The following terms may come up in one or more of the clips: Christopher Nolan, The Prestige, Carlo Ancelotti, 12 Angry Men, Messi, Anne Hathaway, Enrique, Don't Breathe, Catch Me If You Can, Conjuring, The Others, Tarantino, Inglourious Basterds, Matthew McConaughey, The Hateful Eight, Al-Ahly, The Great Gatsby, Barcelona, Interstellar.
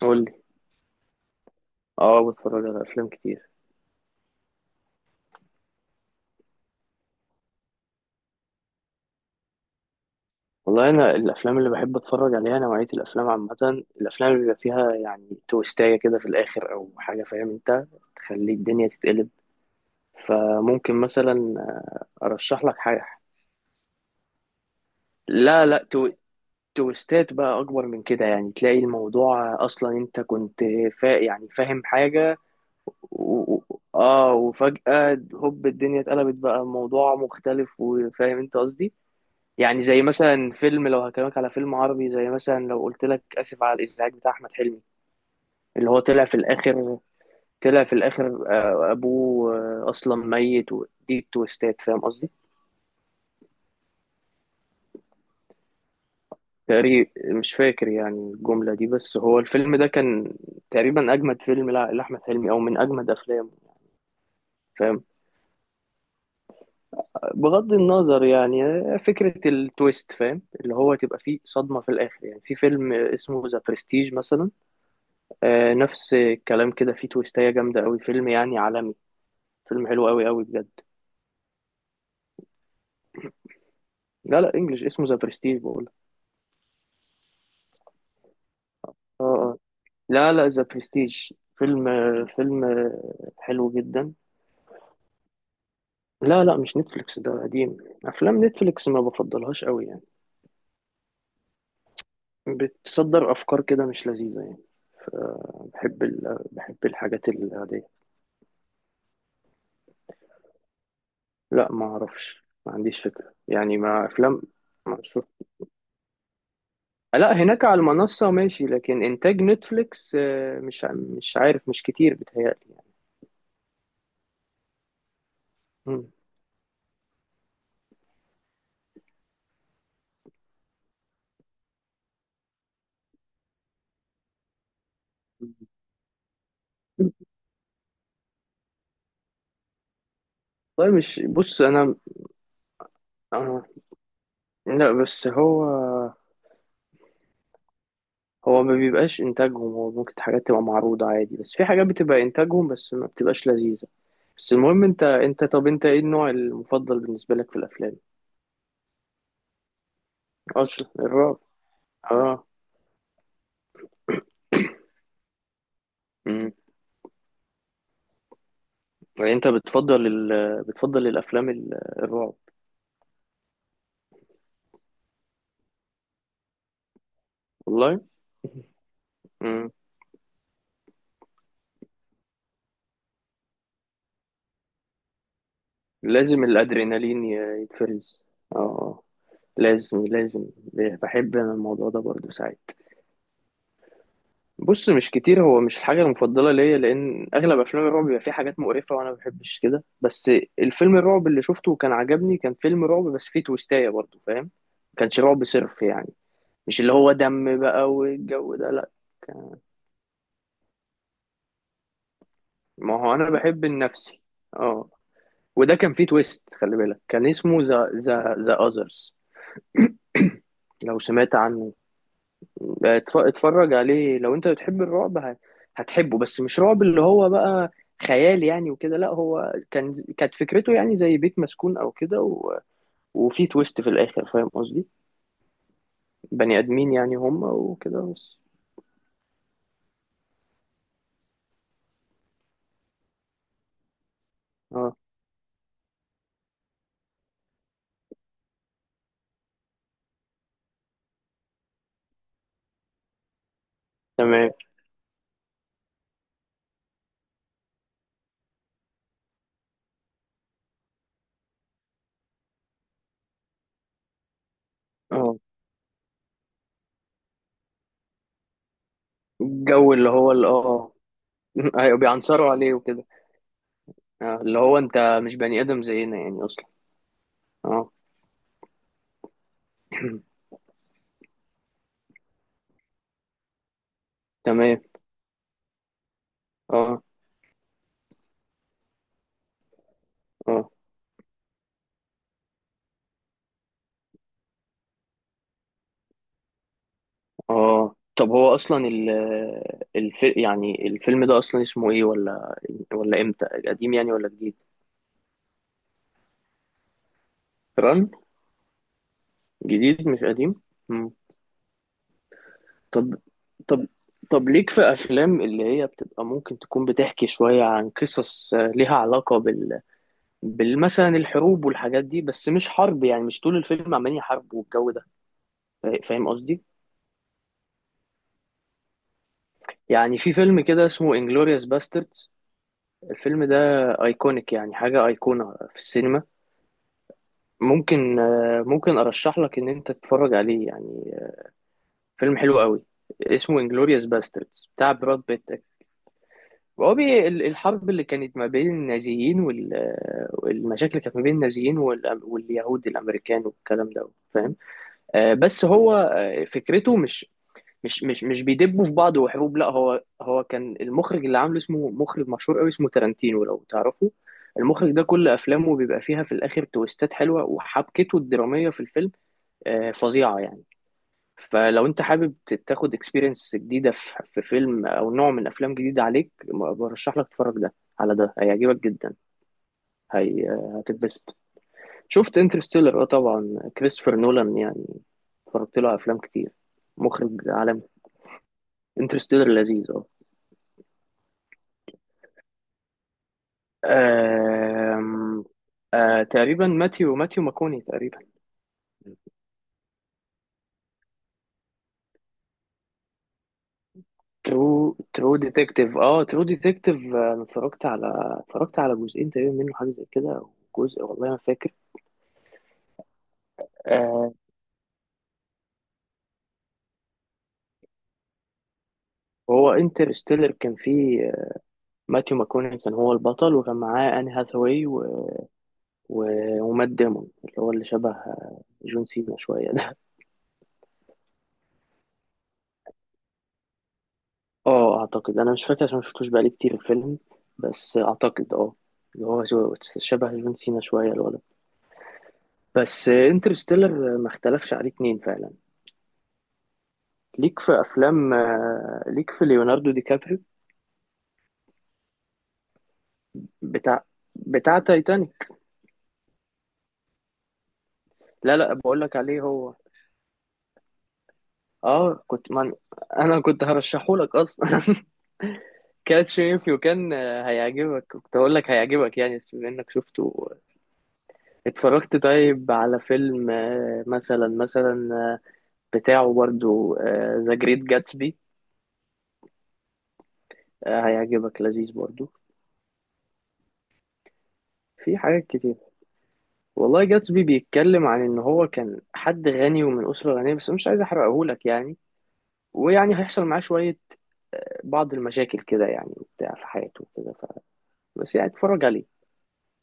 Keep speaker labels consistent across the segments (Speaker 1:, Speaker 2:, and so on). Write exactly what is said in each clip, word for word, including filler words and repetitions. Speaker 1: قول لي. اه، بتفرج على افلام كتير. والله انا الافلام اللي بحب اتفرج عليها، نوعيه الافلام عامه، الافلام اللي بيبقى فيها يعني تويستايه كده في الاخر او حاجه، فاهم انت؟ تخلي الدنيا تتقلب. فممكن مثلا آه، ارشح لك حاجه. لا، لا، تو... تويستات بقى اكبر من كده، يعني تلاقي الموضوع اصلا انت كنت فا... يعني فاهم حاجه، و... و- اه وفجاه هوب الدنيا اتقلبت، بقى الموضوع مختلف، وفاهم انت قصدي. يعني زي مثلا فيلم، لو هكلمك على فيلم عربي زي مثلا لو قلت لك اسف على الازعاج بتاع احمد حلمي، اللي هو طلع في الاخر. طلع في الاخر. آه، ابوه. آه، اصلا ميت، ودي التويستات، فاهم قصدي. تقريبا. مش فاكر يعني الجملة دي، بس هو الفيلم ده كان تقريبا اجمد فيلم، لأ- لاحمد حلمي، او من اجمد افلامه. فاهم. بغض النظر يعني، آه، فكرة التويست، فاهم، اللي هو تبقى فيه صدمة في الاخر. يعني في فيلم اسمه ذا برستيج مثلا. آه، نفس الكلام كده، فيه تويستاية جامدة أوي، فيلم يعني عالمي، فيلم حلو أوي أوي بجد. لا، لا، إنجلش، اسمه ذا برستيج بقول. اه، اه. لا، لا، ذا برستيج. فيلم آه، فيلم آه، حلو جدا. لا، لا، مش نتفليكس، ده قديم. أفلام نتفليكس ما بفضلهاش أوي يعني. بتصدر أفكار كده مش لذيذة يعني. فبحب ال... بحب الحاجات العادية. لا، ما أعرفش، ما عنديش فكرة، يعني ما أفلام. لا، هناك على المنصة ماشي، لكن إنتاج نتفليكس، آه، مش ع- مش عارف، مش كتير بيتهيألي يعني. مم. والله مش بص أنا. آه، لا، بس هو، هو ما بيبقاش إنتاجهم، هو ممكن حاجات تبقى معروضة عادي، بس في حاجات بتبقى إنتاجهم، بس ما بتبقاش لذيذة. بس المهم، أنت أنت، طب أنت إيه النوع المفضل بالنسبة لك في الأفلام؟ أصلا الرعب. آه. مم. يعني أنت بتفضل ال... بتفضل الأفلام، ال- الرعب؟ والله؟ لازم الأدرينالين ي- يتفرز. اه، آه. لازم، لازم. بحب أنا الموضوع ده برضه ساعات. بص، مش كتير، هو مش الحاجة المفضلة ليا، لأن أغلب أفلام الرعب بيبقى فيه حاجات مقرفة، وأنا ما بحبش كده. بس الفيلم الرعب اللي شفته وكان عجبني كان فيلم رعب بس فيه تويستاية برضه، فاهم، ما كانش رعب صرف يعني، مش اللي هو دم بقى والجو ده، لأ. كان- ما هو أنا بحب النفسي. اه. وده كان فيه تويست، خلي بالك، كان اسمه ذا ذا ذا أذرز. لو سمعت عنه، اتف- اتفرج عليه، لو انت بتحب الرعب هت- هتحبه، بس مش رعب اللي هو بقى خيال يعني وكده. لا، هو كان كانت فكرته يعني زي بيت مسكون او كده، و... وفي تويست في الاخر، فاهم قصدي، بني ادمين يعني هم وكده بس. اه. تمام. اه، الجو اللي هو، اللي اه ايوه، بيعنصروا عليه وكده. اه، اللي هو انت مش بني ادم زينا يعني اصلا. اه. تمام. اه، اه، اه، طب هو اصلا، ال الف... يعني الفيلم ده اصلا اسمه ايه؟ ولا ولا امتى؟ قديم يعني ولا جديد؟ ران. جديد مش قديم. مم. طب، طب، طب، ليك في افلام اللي هي بتبقى ممكن تكون بتحكي شوية عن قصص، آه، ليها علاقة بال بالمثلا الحروب والحاجات دي، بس مش حرب يعني مش طول الفيلم عمالين يحاربوا والجو ده، فا- فاهم قصدي. يعني في فيلم كده اسمه انجلوريوس باستردز، الفيلم ده ايكونيك، يعني حاجة ايقونة في السينما. ممكن آه، ممكن ارشح لك ان انت تتفرج عليه يعني، آه، فيلم حلو قوي، اسمه انجلوريوس باستردز بتاع براد بيت. هو، بي ال- الحرب اللي كانت ما بين النازيين وال آه، والمشاكل اللي كانت ما بين النازيين وال- واليهود الامريكان والكلام ده، فاهم. آه، بس هو آه، فكرته مش، مش مش مش بيدبوا في بعض وحروب. لا، هو هو كان المخرج اللي عامله اسمه، مخرج مشهور قوي اسمه تارانتينو، لو تعرفه. المخرج ده كل افلامه بيبقى فيها في الاخر تويستات حلوه، وحبكته الدراميه في الفيلم آه، فظيعة يعني. فلو انت حابب ت- تاخد اكسبيرينس جديدة في، في فيلم او نوع من افلام جديدة عليك، م- برشح لك تتفرج ده، على ده هيعجبك جدا، هي آه، هتتبسط. شفت انترستيلر؟ اه، طبعا، كريستوفر نولان يعني، اتفرجت له على افلام كتير، مخرج عالمي. انترستيلر لذيذ، اه. آم، آه، تقريبا ماتيو ماتيو ماكوني تقريبا. ترو ترو ديتكتيف؟ اه، ترو ديتكتيف انا اتفرجت على اتفرجت على جزئين تقريبا منه، حاجه زي كده، أو جزء، والله ما فاكر. آه. هو انترستيلر كان فيه، آه، ماثيو ماكوني كان هو البطل، وكان معاه آن هاثاواي، و... و... ومات ديمون، اللي هو اللي شبه آه، جون سينا شوية ده. اه، اعتقد، انا مش فاكر عشان مشفتوش بقالي كتير الفيلم، بس اعتقد، اه، اللي هو جو- شبه جون سينا شوية الولد. بس انترستيلر ما اختلفش عليه اتنين فعلا. ليك في افلام، آه، ليك في ليوناردو دي كابريو، بتاع بتاع تايتانيك. لا، لا، بقول لك عليه هو. اه. كنت من... انا كنت هرشحه لك اصلا. كاس شريف، وكان آه، هيعجبك، كنت هقول لك هيعجبك يعني، بس بما انك شفته. اتفرجت طيب على فيلم، آه، مثلا مثلا، آه، بتاعه برضو، ذا جريت جاتسبي؟ هيعجبك لذيذ برضو. في حاجات كتير، والله جاتسبي بيتكلم عن ان هو كان حد غني ومن اسره غنيه، بس مش عايز احرقهولك يعني، ويعني هيحصل معاه شويه، آه، بعض المشاكل كده يعني وبتاع في حياته وكده، ف... بس يعني اتفرج عليه،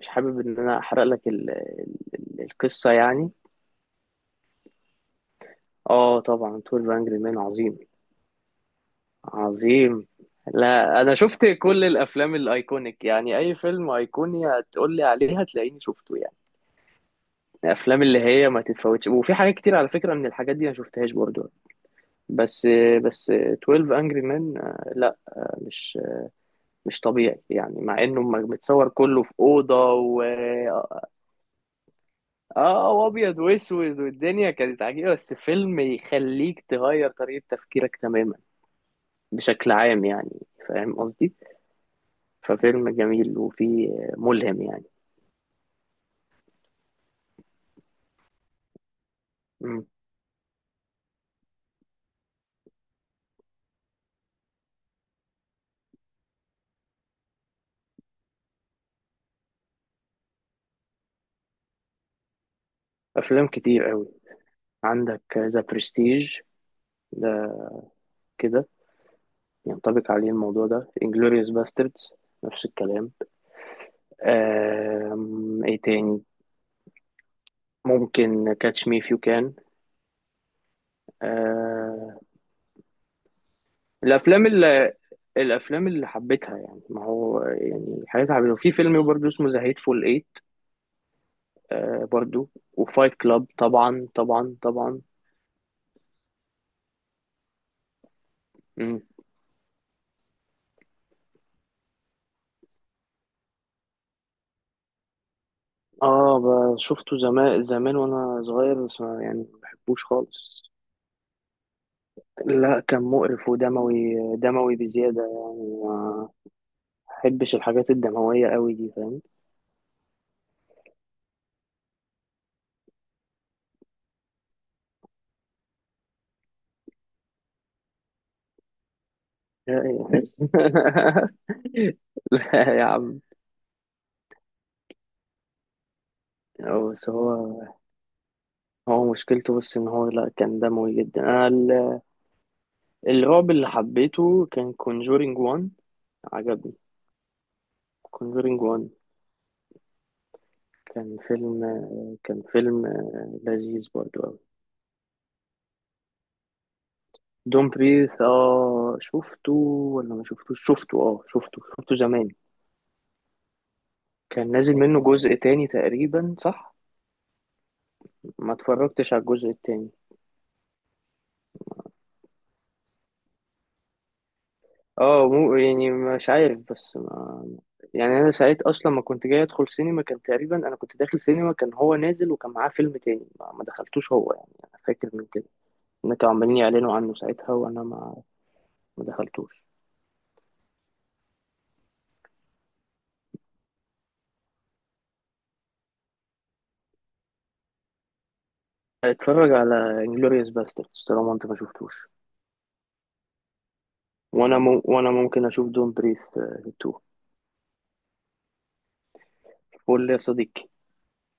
Speaker 1: مش حابب ان انا احرق لك ال... ال... القصه يعني. اه، طبعا، اتناشر انجري مان، عظيم. عظيم. لا، انا شفت كل الافلام الايكونيك يعني، اي فيلم ايقوني هتقول لي عليه هتلاقيني شفته يعني، الافلام اللي هي ما تتفوتش، وفي حاجات كتير على فكره من الحاجات دي ما شفتهاش برضو. بس بس اثنا عشر انجري مان، لا، مش مش طبيعي يعني، مع انه م- متصور كله في اوضه، و اه وابيض واسود، والدنيا كانت عجيبه، بس فيلم يخليك تغير طريقه تفكيرك تماما، بشكل عام يعني، فاهم قصدي. ففيلم جميل، وفيه، ملهم يعني. مم. أفلام كتير قوي، عندك ذا برستيج ده كده ينطبق عليه الموضوع ده، انجلوريوس باستردز نفس الكلام. آم، ايه تاني؟ ممكن كاتش مي فيو كان. الافلام اللي الافلام اللي حبيتها يعني، ما هو يعني حاجات حبيتها، وفي فيلم برضه اسمه ذا هيتفول ايت، آه برضه، وفايت كلاب، طبعا، طبعا، طبعا. مم. اه، ب- شفته زمان زمان وانا صغير، بس ما- يعني ما بحبوش خالص. لا، كان مقرف ودموي، دموي بزيادة يعني، ما بحبش الحاجات الدموية قوي دي، فاهم. لا. لا يا عم. هو- بس هو، هو مشكلته بس ان هو، لا كان دموي جدا. انا، ال- الرعب اللي حبيته كان كونجورينج واحد. عجبني. كونجورينج واحد كان فيلم كان فيلم لذيذ برضه. دون بريث؟ اه، شفته. ولا ما شفتوش؟ شفته. اه، شفته شفته زمان. كان نازل منه جزء تاني تقريبا، صح؟ ما اتفرجتش على الجزء التاني. اه، مو يعني مش عارف، بس ما، يعني انا ساعت اصلا ما كنت جاي ادخل سينما، كان تقريبا انا كنت داخل سينما كان هو نازل، وكان معاه فيلم تاني ما ما دخلتوش، هو يعني انا فاكر من كده ان كانوا عمالين يعلنوا عنه ساعتها، وانا ما ما دخلتوش. اتفرج على انجلوريوس باستردز طالما انت ما شفتوش. وانا مو... وانا ممكن اشوف دون بريث اتنين. الفل يا صديقي.